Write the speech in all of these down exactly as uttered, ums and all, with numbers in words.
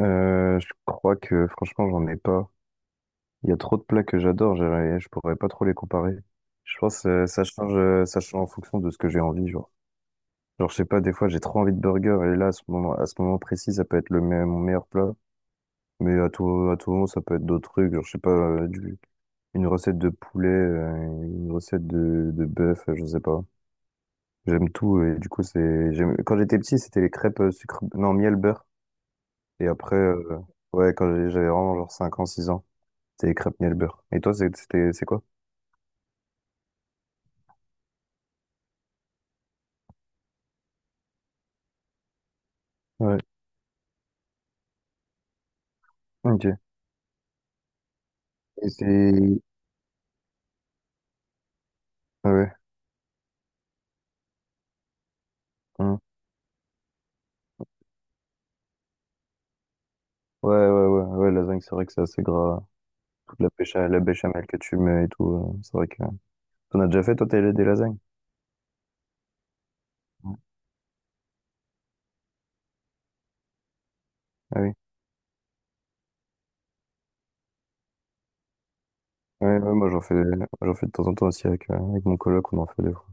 Euh, je crois que franchement, j'en ai pas. Il y a trop de plats que j'adore, j'ai- je pourrais pas trop les comparer. Je pense que ça change, euh, ça change en fonction de ce que j'ai envie, genre. Genre, je sais pas, des fois, j'ai trop envie de burger, et là, à ce moment, à ce moment précis, ça peut être le me- mon meilleur plat. Mais à tout, à tout moment, ça peut être d'autres trucs, genre, je sais pas, euh, du, une recette de poulet, euh, une recette de, de bœuf, euh, je sais pas. J'aime tout, et du coup, c'est, j'aime, quand j'étais petit, c'était les crêpes euh, sucre, non, miel, beurre. Et après, euh, ouais, quand j'ai- j'avais vraiment genre cinq ans, six ans. C'est les crêpes miel beurre. Et toi, c'est- c'était, c'est quoi? Ouais. Ok. Et c'est... Ouais. Hein. Ouais, ouais, ouais, ouais, lasagne, c'est vrai que c'est assez gras. Toute la bécha la béchamel que tu mets et tout, euh, c'est vrai que... T'en as déjà fait, toi, t'as des lasagnes? Ouais. Ah oui. Ouais, ouais, moi, j'en fais, j'en fais de temps en temps aussi avec, euh, avec mon coloc, on en fait des fois.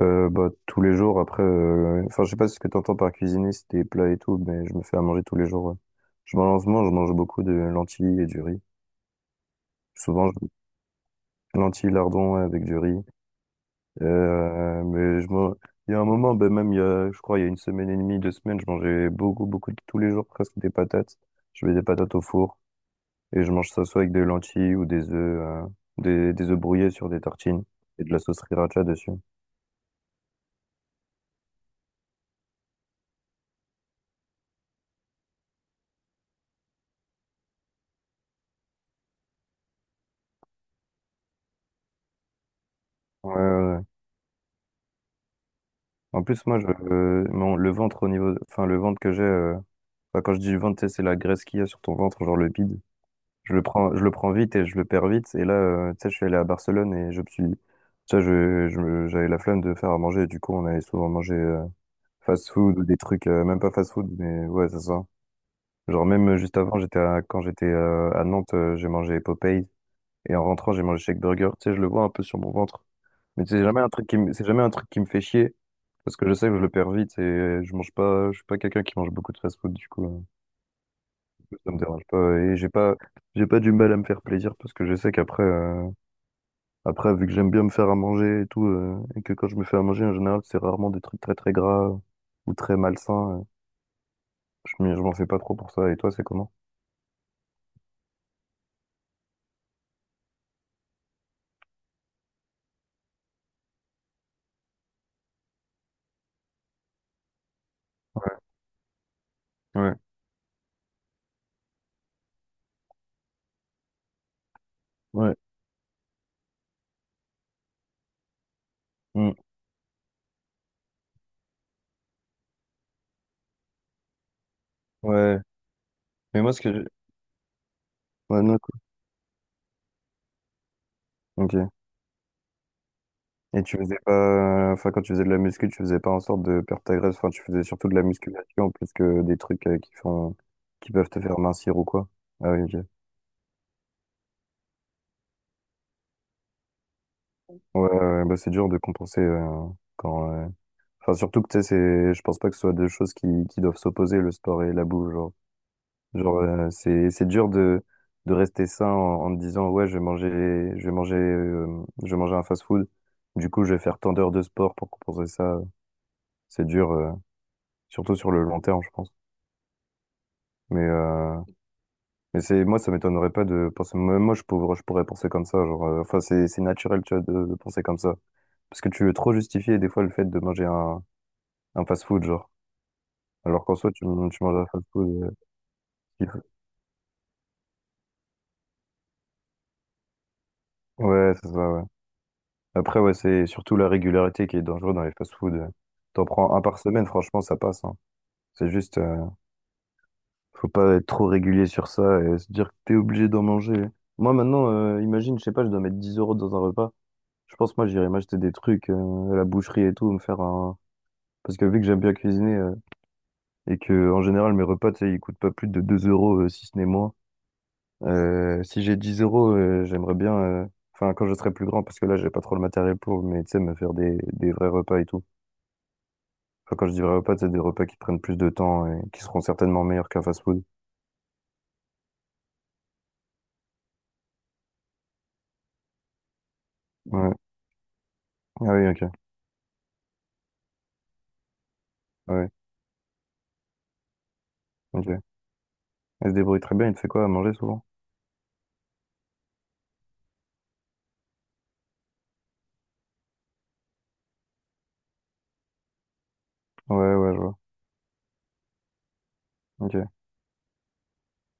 Euh, bah, tous les jours, après... euh, enfin, je sais pas si ce que t'entends par cuisiner, c'est des plats et tout, mais je me fais à manger tous les jours, ouais. Je mange, je mange beaucoup de lentilles et du riz. Souvent, je... lentilles, lardons, ouais, avec du riz. Euh, mais je m'en- il y a un moment, ben même il y a, je crois, il y a une semaine et demie, deux semaines, je mangeais beaucoup, beaucoup, tous les jours presque des patates. Je mets des patates au four et je mange ça soit avec des lentilles ou des œufs, euh, des, des œufs brouillés sur des tartines et de la sauce sriracha dessus. Ouais, ouais. Ouais. En plus, moi, je, euh, mon, le ventre au niveau, enfin, le ventre que j'ai, euh, enfin, quand je dis ventre, tu sais, c'est la graisse qu'il y a sur ton ventre, genre le bide. Je le prends, je le prends vite et je le perds vite. Et là, euh, tu sais, je suis allé à Barcelone et je me suis, tu sais, je, je me- j'avais la flemme de faire à manger. Du coup, on allait souvent manger euh, fast-food ou des trucs, euh, même pas fast-food, mais ouais, c'est ça. Genre, même euh, juste avant, j'étais à- quand j'étais euh, à Nantes, euh, j'ai mangé Popeyes et en rentrant, j'ai mangé Shake Burger. Tu sais, je le vois un peu sur mon ventre, mais c'est jamais un truc qui, me- c'est jamais un truc qui me fait chier parce que je sais que je le perds vite et je mange pas, je suis pas quelqu'un qui mange beaucoup de fast-food. Du coup, euh, ça me dérange pas et j'ai pas, j'ai pas du mal à me faire plaisir parce que je sais qu'après. Euh, Après, vu que j'aime bien me faire à manger et tout, euh, et que quand je me fais à manger, en général, c'est rarement des trucs très très gras euh, ou très malsains. euh, je m'y- je m'en fais pas trop pour ça. Et toi, c'est comment? Ouais, ouais. Mm. Ouais. Mais moi, ce que j'ai... Ouais, non, cool. Ok. Et tu faisais pas... Enfin, quand tu faisais de la muscu, tu faisais pas en sorte de perdre ta graisse. Enfin, tu faisais surtout de la musculation plus que des trucs euh, qui font... qui peuvent te faire mincir ou quoi. Ah oui, ok. Ouais, ouais, ouais. Bah, c'est dur de compenser euh, quand... euh, enfin, surtout que, tu sais, c'est... Je pense pas que ce soit deux choses qui, qui doivent s'opposer, le sport et la bouffe, genre. Genre, euh, c'est, c'est dur de, de rester sain en, en te disant, ouais, je vais manger, je vais manger, euh, je vais manger un fast-food. Du coup, je vais faire tant d'heures de sport pour compenser ça. C'est dur, euh, surtout sur le long terme, je pense. Mais, euh, mais c'est, moi, ça m'étonnerait pas de penser, même moi, je pourrais, je pourrais penser comme ça. Genre, euh, enfin, c'est, c'est naturel, tu vois, de, de penser comme ça. Parce que tu veux trop justifier, des fois, le fait de manger un, un fast-food, genre. Alors qu'en soi, tu, tu manges un fast-food. euh, qui- Ouais, c'est ça, ouais. Après, ouais, c'est surtout la régularité qui est dangereuse dans les fast-foods. T'en prends un par semaine, franchement, ça passe, hein. C'est juste, euh, faut pas être trop régulier sur ça et se dire que t'es obligé d'en manger. Moi, maintenant, euh, imagine, je sais pas, je dois mettre dix euros dans un repas. Je pense, moi, j'irai m'acheter des trucs, euh, à la boucherie et tout, me faire un... Parce que vu que j'aime bien cuisiner, euh, et que, en général, mes repas, tu sais, ils coûtent pas plus de deux euros, euh, si ce n'est moins. Euh, si j'ai dix euros, euh, j'aimerais bien, euh, enfin, quand je serai plus grand, parce que là, j'ai pas trop le matériel pour, mais tu sais, me faire des, des vrais repas et tout. Enfin, quand je dis vrais repas, c'est des repas qui prennent plus de temps et qui seront certainement meilleurs qu'un fast-food. Ouais. Ah oui, ok. Ah oui, ok. Elle se débrouille très bien, il te fait quoi à manger souvent? Ouais, ouais, je vois. Ok.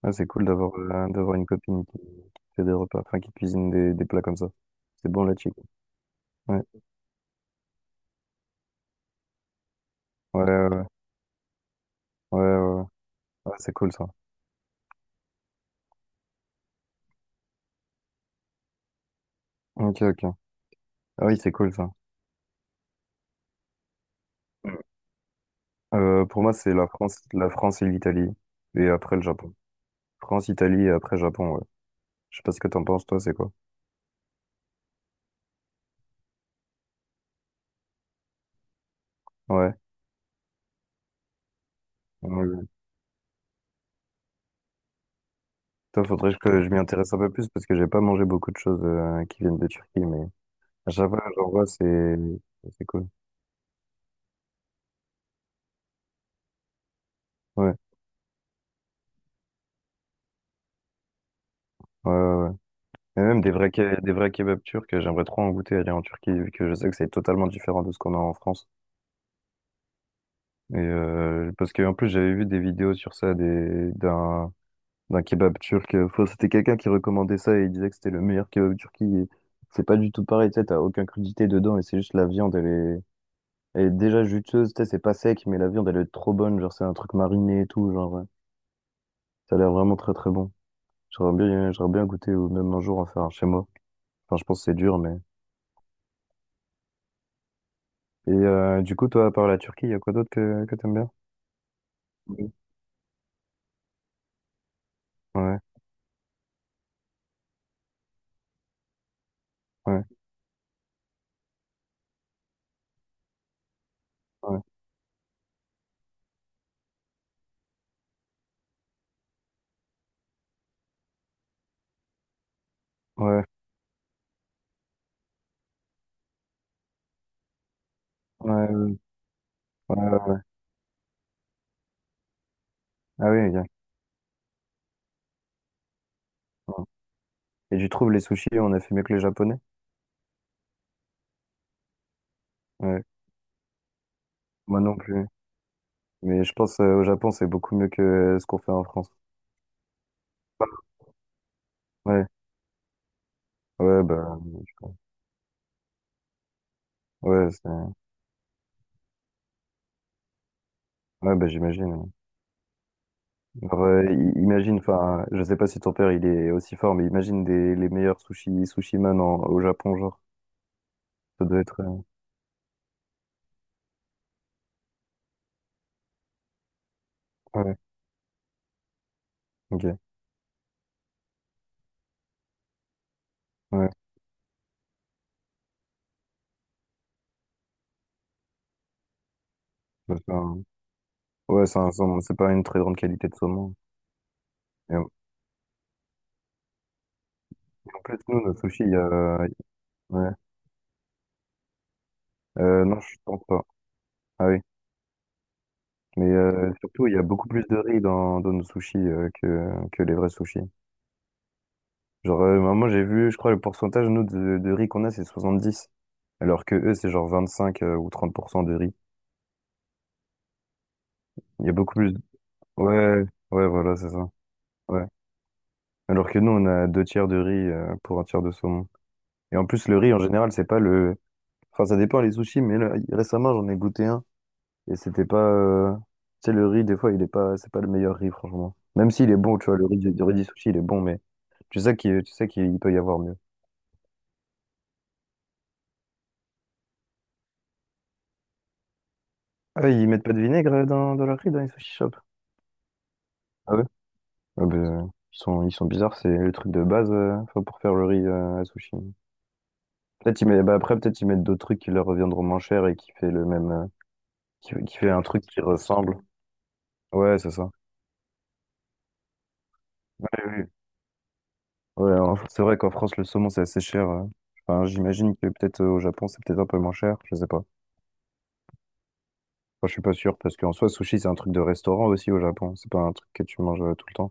Ah, c'est cool d'avoir euh, d'avoir une copine qui qui fait des repas, enfin qui cuisine des, des plats comme ça. C'est bon la chick. Ouais, ouais, ouais, ouais, ouais. Ouais. Ah, c'est cool ça. Ok, ok. Ah oui, c'est cool ça. Euh, pour moi, c'est la France, la France et l'Italie, et après le Japon. France, Italie et après Japon, ouais. Je sais pas ce que t'en penses, toi, c'est quoi? Ouais. Ouais. Toi, faudrait que je m'y intéresse un peu plus parce que j'ai pas mangé beaucoup de choses euh, qui viennent de Turquie, mais à chaque fois que j'en vois, c'est c'est cool. Ouais, ouais, ouais. Ouais. Et même des vrais ke- des vrais kebabs turcs, j'aimerais trop en goûter aller en Turquie vu que je sais que c'est totalement différent de ce qu'on a en France. Et euh, parce que en plus j'avais vu des vidéos sur ça des d'un d'un kebab turc. euh, Enfin, c'était quelqu'un qui recommandait ça et il disait que c'était le meilleur kebab turc. et C'est pas du tout pareil, tu sais, t'as aucune crudité dedans et c'est juste la viande, elle est elle est déjà juteuse, tu sais, c'est pas sec, mais la viande, elle est trop bonne. Genre, c'est un truc mariné et tout. Genre, ouais. Ça a l'air vraiment très très bon. J'aurais bien, j'aurais bien goûté ou même un jour en faire un chez moi. Enfin, je pense que c'est dur, mais. Et euh, du coup, toi, à part la Turquie, il y a quoi d'autre que, que t'aimes bien? Oui. Ouais, ouais, ouais, ouais, ouais, ouais, ouais, ouais. Ah oui, ok. Ouais. Et tu trouves les sushis, on a fait mieux que les Japonais? Ouais. Moi non plus. Mais je pense euh, au Japon, c'est beaucoup mieux que euh, ce qu'on fait en France. Ouais, ouais, bah, je- crois. ouais, c'est- ouais, bah, j'imagine. Genre, euh, i- imagine, enfin, je sais pas si ton père il est aussi fort, mais imagine des, les meilleurs sushi, sushi man en- au Japon, genre. Ça doit être. euh, Ouais, ok. Ouais, ça fait un- ouais, c'est un saumon, c'est pas une très grande qualité de saumon. Et en et en plus, nous, nos sushis, il y a. Ouais. Euh, non, je pense pas. Ah oui. Mais euh, surtout, il y a beaucoup plus de riz dans, dans nos sushis euh, que, que les vrais sushis. Genre, euh, moi, j'ai vu, je crois, le pourcentage, nous, de, de riz qu'on a, c'est soixante dix. Alors que eux, c'est genre vingt-cinq euh, ou trente pour cent de riz. Il y a beaucoup plus. Ouais, ouais, voilà, c'est ça. Ouais. Alors que nous, on a deux tiers de riz euh, pour un tiers de saumon. Et en plus, le riz, en général, c'est pas le... Enfin, ça dépend les sushis, mais là, récemment, j'en ai goûté un. Et c'était pas... euh, Tu sais, le riz, des fois, il est pas... C'est pas le meilleur riz, franchement. Même s'il est bon, tu vois, le riz, du- du riz du sushi, il est bon, mais tu sais qu'il, tu sais qu'il peut y avoir mieux. Ah, oui, ils mettent pas de vinaigre euh, dans, dans leur riz, dans les sushi shops? Ah ouais? Ah ben, ils sont, ils sont bizarres, c'est le truc de base euh, enfin, pour faire le riz euh, à sushi. Peut-être ils mettent, bah après, peut-être ils mettent d'autres trucs qui leur reviendront moins cher et qui fait le même, euh, qui, qui fait un truc qui ressemble. Ouais, c'est ça. Ouais, oui. Ouais, en- c'est vrai qu'en France, le saumon, c'est assez cher. euh. Enfin, j'imagine que peut-être euh, au Japon, c'est peut-être un peu moins cher. Je sais pas. Enfin, je suis pas sûr parce qu'en soi, sushi, c'est un truc de restaurant aussi au Japon. C'est pas un truc que tu manges euh, tout le temps.